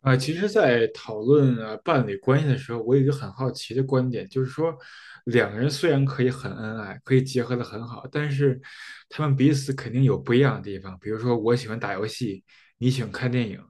其实，在讨论伴侣关系的时候，我有一个很好奇的观点，就是说，两个人虽然可以很恩爱，可以结合的很好，但是他们彼此肯定有不一样的地方。比如说，我喜欢打游戏，你喜欢看电影。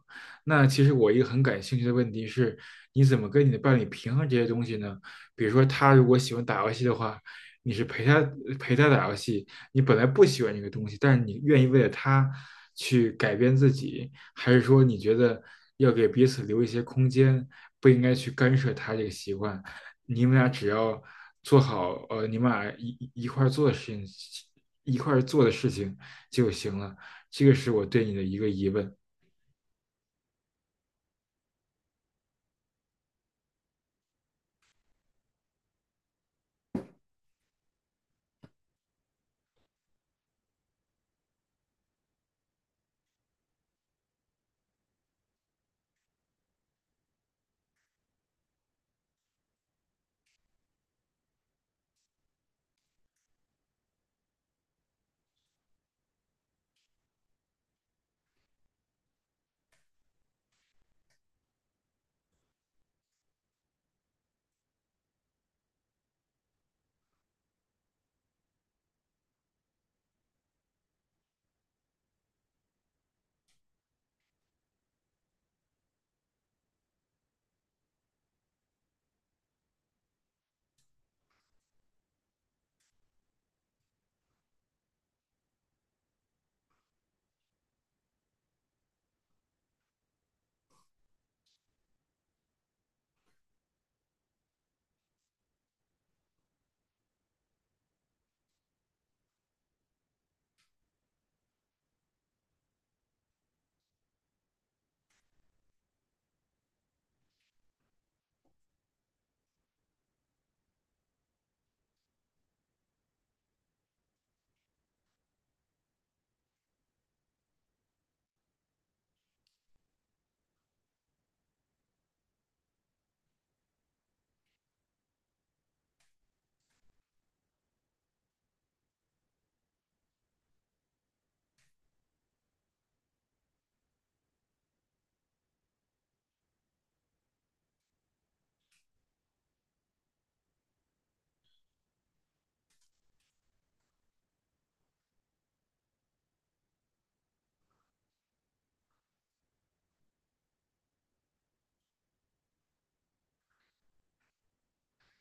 那其实我一个很感兴趣的问题是，你怎么跟你的伴侣平衡这些东西呢？比如说，他如果喜欢打游戏的话，你是陪他打游戏，你本来不喜欢这个东西，但是你愿意为了他去改变自己。还是说你觉得要给彼此留一些空间，不应该去干涉他这个习惯？你们俩只要做好，你们俩一块儿做的事情就行了。这个是我对你的一个疑问。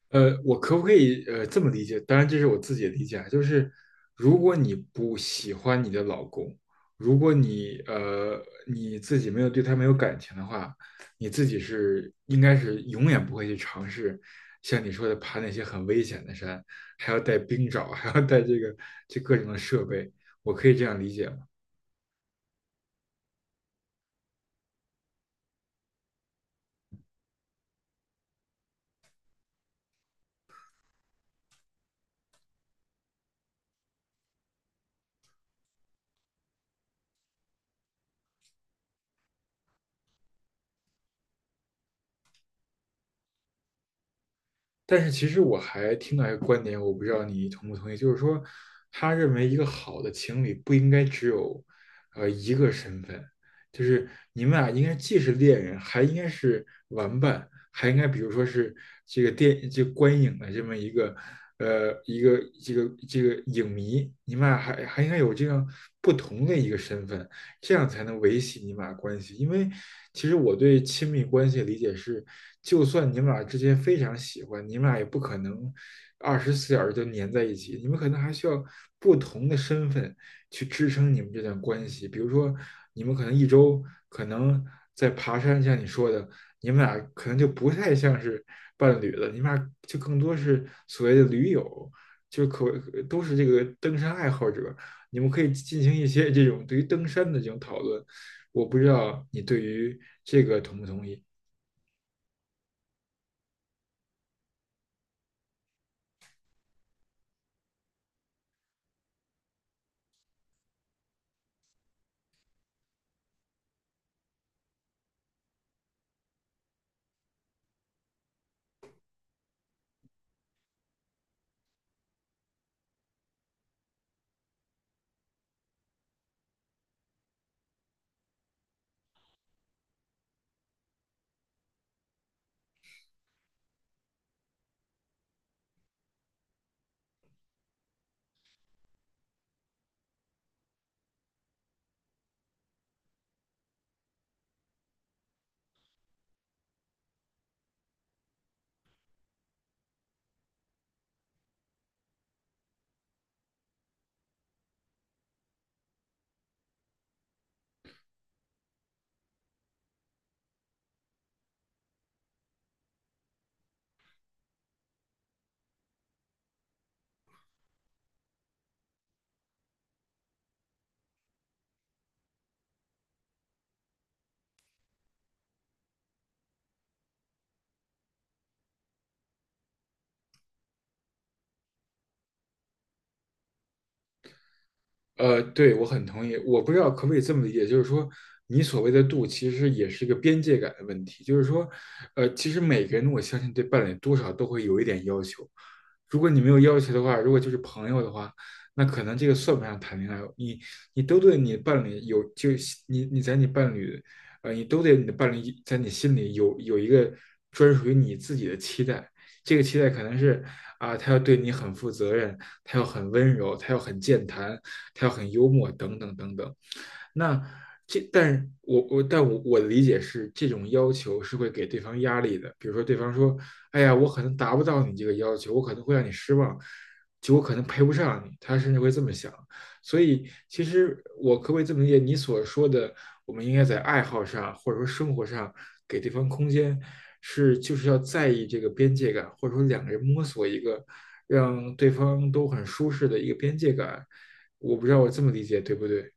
我可不可以这么理解？当然，这是我自己的理解啊，就是如果你不喜欢你的老公，如果你自己没有对他没有感情的话，你自己是应该是永远不会去尝试像你说的爬那些很危险的山，还要带冰爪，还要带这各种的设备。我可以这样理解吗？但是其实我还听到一个观点，我不知道你同不同意，就是说，他认为一个好的情侣不应该只有，一个身份，就是你们俩应该既是恋人，还应该是玩伴，还应该比如说是这个电这个观影的这么一个这个影迷，你们俩还应该有这样不同的一个身份，这样才能维系你们俩关系。因为其实我对亲密关系的理解是，就算你们俩之间非常喜欢，你们俩也不可能24小时就粘在一起，你们可能还需要不同的身份去支撑你们这段关系。比如说，你们可能一周可能在爬山，像你说的，你们俩可能就不太像是伴侣了，你们俩就更多是所谓的驴友。就可都是这个登山爱好者，你们可以进行一些这种对于登山的这种讨论。我不知道你对于这个同不同意。对，我很同意。我不知道可不可以这么理解，就是说，你所谓的度，其实也是一个边界感的问题。就是说，其实每个人，我相信对伴侣多少都会有一点要求。如果你没有要求的话，如果就是朋友的话，那可能这个算不上谈恋爱。你都对你伴侣有，就你在你伴侣，你都对你的伴侣在你心里有一个专属于你自己的期待。这个期待可能是啊，他要对你很负责任，他要很温柔，他要很健谈，他要很幽默，等等等等。那但是我我但我我的理解是，这种要求是会给对方压力的。比如说，对方说：“哎呀，我可能达不到你这个要求，我可能会让你失望，就我可能配不上你。”他甚至会这么想。所以，其实我可不可以这么理解？你所说的，我们应该在爱好上或者说生活上给对方空间，是就是要在意这个边界感，或者说两个人摸索一个让对方都很舒适的一个边界感。我不知道我这么理解对不对？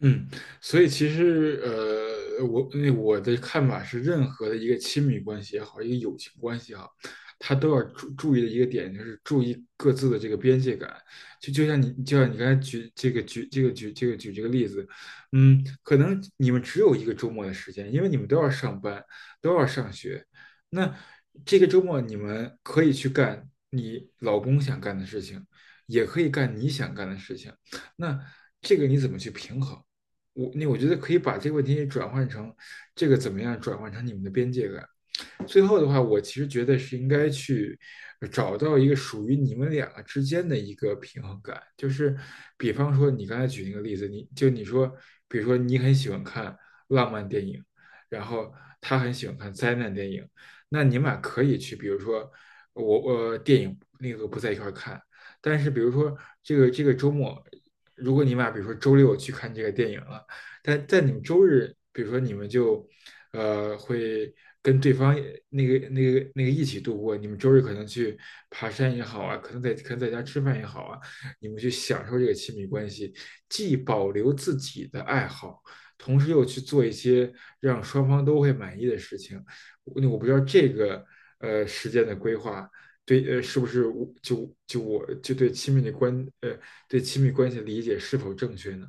嗯，所以其实，我的看法是，任何的一个亲密关系也好，一个友情关系也好，他都要注意的一个点就是注意各自的这个边界感。就像你刚才举这个例子，可能你们只有一个周末的时间，因为你们都要上班，都要上学。那这个周末你们可以去干你老公想干的事情，也可以干你想干的事情。那这个你怎么去平衡？我觉得可以把这个问题转换成这个怎么样转换成你们的边界感。最后的话，我其实觉得是应该去找到一个属于你们两个之间的一个平衡感。就是比方说你刚才举那个例子，你说，比如说你很喜欢看浪漫电影，然后他很喜欢看灾难电影，那你们俩可以去，比如说我电影那个不在一块看，但是比如说这个周末。如果你们俩比如说周六去看这个电影了，但在你们周日，比如说你们就会跟对方那个一起度过，你们周日可能去爬山也好啊，可能在家吃饭也好啊，你们去享受这个亲密关系，既保留自己的爱好，同时又去做一些让双方都会满意的事情。那我不知道这个时间的规划。对，是不是我就就我就对亲密的关，呃，对亲密关系的理解是否正确呢？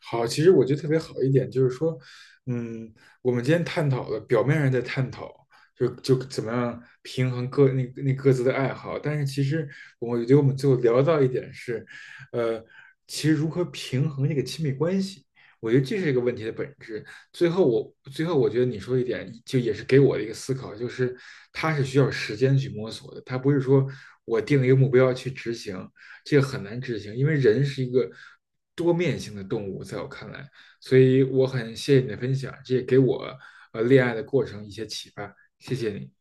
好，其实我觉得特别好一点就是说，嗯，我们今天探讨的表面上在探讨，就怎么样平衡各那那各自的爱好，但是其实我觉得我们最后聊到一点是，呃，其实如何平衡这个亲密关系，我觉得这是一个问题的本质。最后我觉得你说一点，就也是给我的一个思考，就是它是需要时间去摸索的，它不是说我定了一个目标去执行，这个很难执行，因为人是一个多面性的动物，在我看来，所以我很谢谢你的分享，这也给我恋爱的过程一些启发，谢谢你。